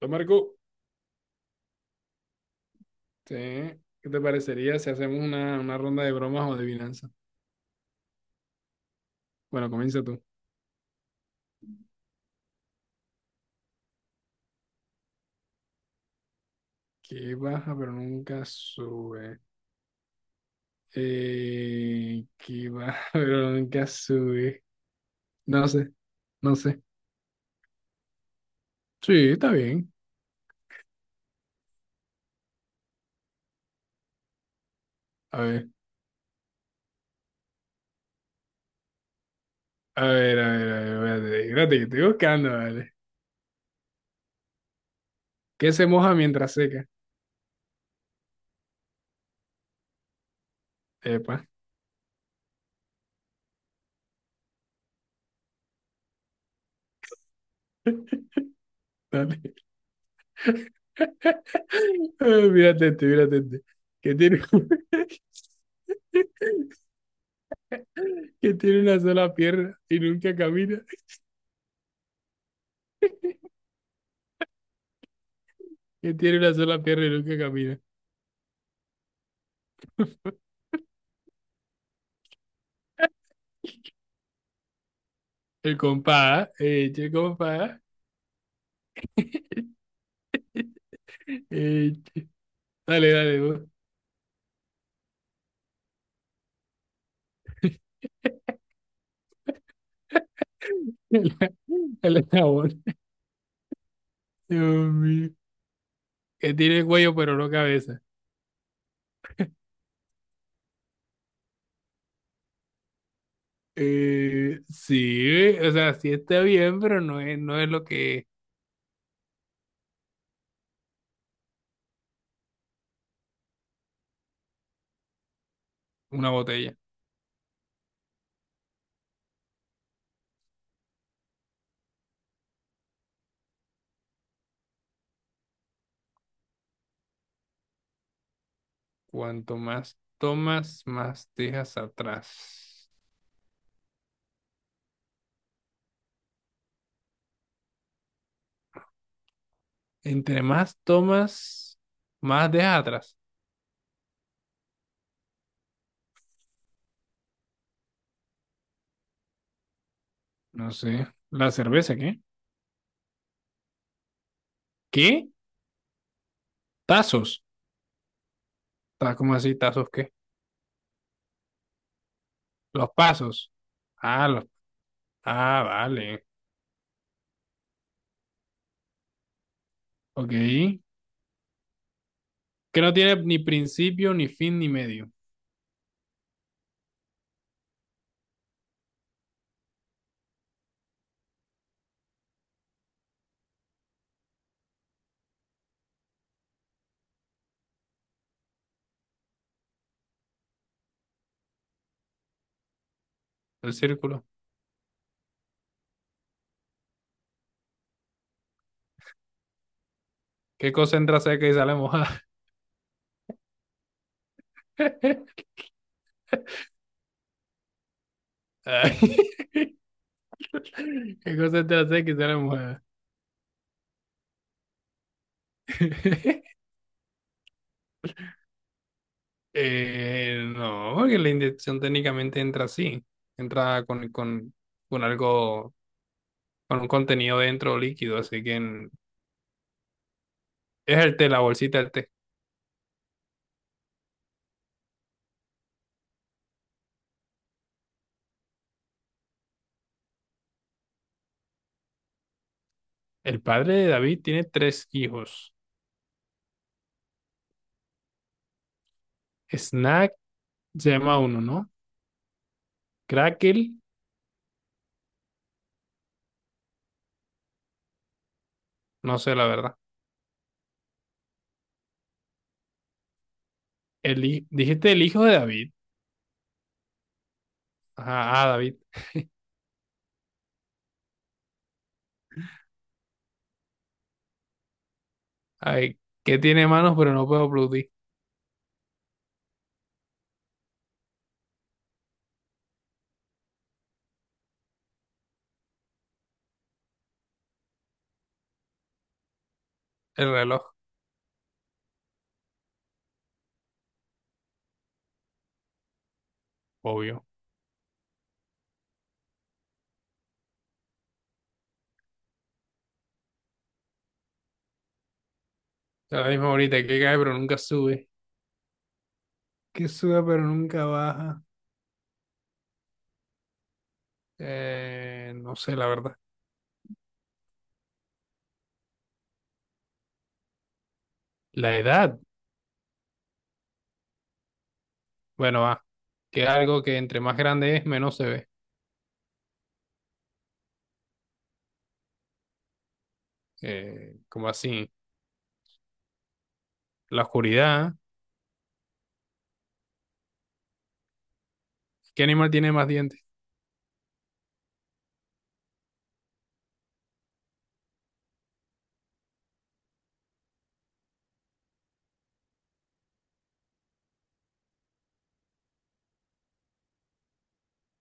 Hola, Marco. Sí, ¿qué te parecería si hacemos una ronda de bromas o de adivinanza? Bueno, comienza tú. ¿Que baja pero nunca sube? Que baja pero nunca sube. No sé, no sé. Sí, está bien. A ver, a ver, espérate, que estoy buscando, vale. ¿Qué se moja mientras seca? Epa, dale. Mírate este, mírate este. Que tiene, que tiene una sola pierna y nunca camina. Que tiene una sola pierna y nunca camina. El compás, eche el compás, eche. Dale, dale, vos. El jabón. Dios mío. Que tiene cuello pero no cabeza. Sí, o sea, sí está bien, pero no es lo que es una botella. Cuanto más tomas, más dejas atrás. Entre más tomas, más dejas atrás. No sé. ¿La cerveza qué? ¿Qué? Tazos. ¿Cómo así? ¿Tazos qué? Los pasos. Ah, los... ah, vale. Ok. Que no tiene ni principio, ni fin, ni medio. El círculo. ¿Qué cosa entra seca y sale mojada? Ay, ¿qué cosa entra seca y sale mojada? No, porque la inyección técnicamente entra así. Entra con algo, con un contenido dentro líquido. Así que es el té, la bolsita del té. El padre de David tiene tres hijos. Snack se llama uno, ¿no? Crackle, no sé la verdad. El, dijiste el hijo de David. Ajá, ah, David. Ay, que tiene manos pero no puede producir. El reloj, obvio. Es la misma ahorita, que cae pero nunca sube. Que sube pero nunca baja. No sé la verdad. La edad, bueno, va. Que algo que entre más grande es, menos se ve. Como así? La oscuridad. ¿Qué animal tiene más dientes?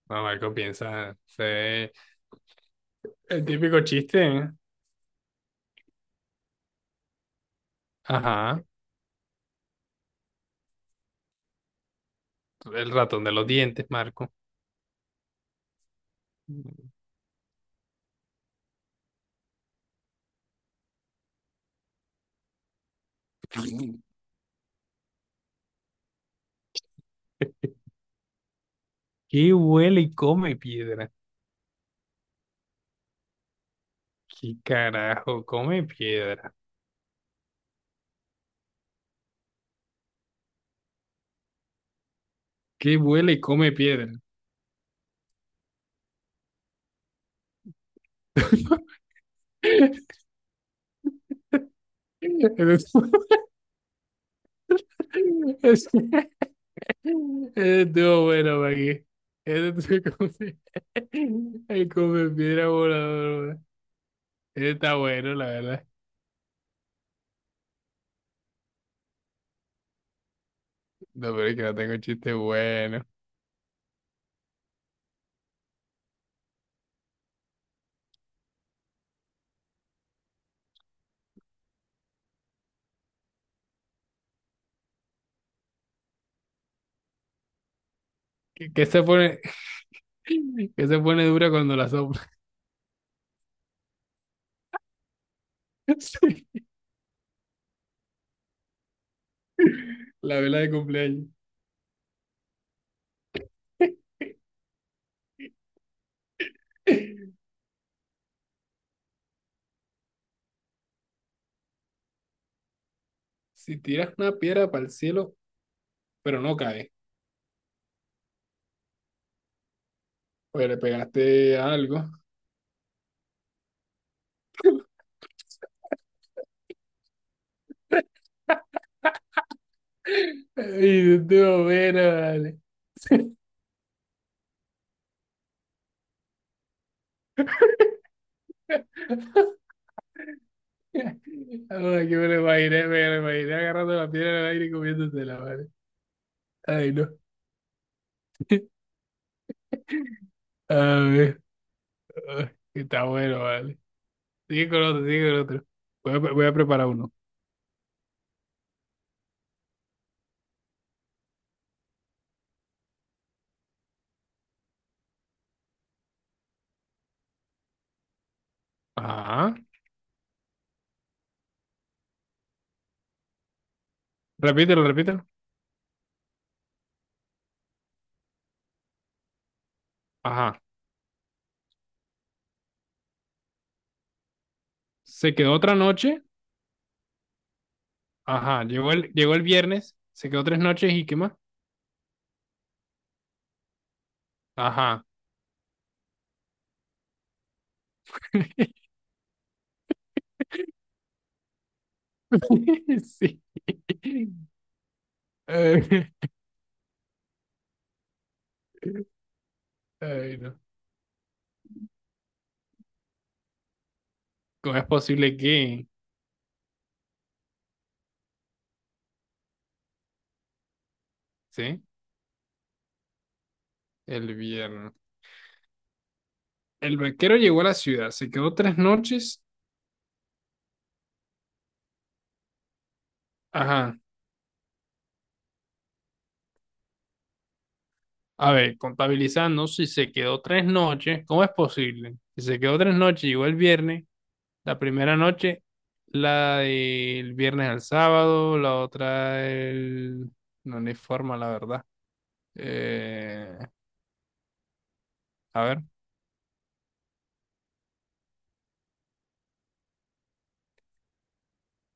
No, Marco, piensa. Se ve el típico chiste, ¿eh? Ajá. El ratón de los dientes, Marco. ¿Qué huele y come piedra? ¿Qué carajo come piedra? ¿Qué huele y come piedra? Es es- estuvo bueno, maggie, qué. Ese estuvo como si- el come piedra volador, güey. Ese está bueno, la verdad. No, pero es que no tengo chiste bueno. ¿Qué, qué se pone, qué se pone dura cuando la sopla? Sí. La vela de cumpleaños. Si tiras una piedra para el cielo, pero no cae. Pues le pegaste algo. Y tú, bueno, vale. Ahora que me lo imaginé agarrando la piedra en el aire y comiéndosela, vale. Ay, no. A ver, ay, está bueno, vale. Sigue con otro, sigue con otro. Voy a, voy a preparar uno. Ajá. Repítelo, repítelo. Ajá. Se quedó otra noche. Ajá. Llegó el viernes. Se quedó tres noches, ¿y qué más? Ajá. Sí. Ay, ay, no. ¿Cómo es posible que, sí, el viernes? El vaquero llegó a la ciudad, se quedó tres noches. Ajá. A ver, contabilizando, si se quedó tres noches, ¿cómo es posible? Si se quedó tres noches, llegó el viernes. La primera noche, la del viernes al sábado, la otra el... No, no hay forma, la verdad. Eh, a ver.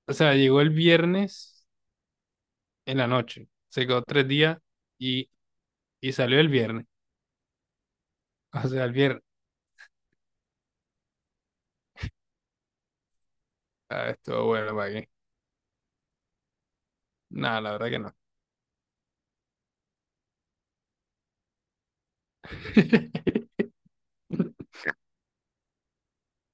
O sea, llegó el viernes en la noche. Se quedó tres días y, y salió el viernes. O sea, el viernes. Ah, estuvo bueno para aquí. No, la verdad que no.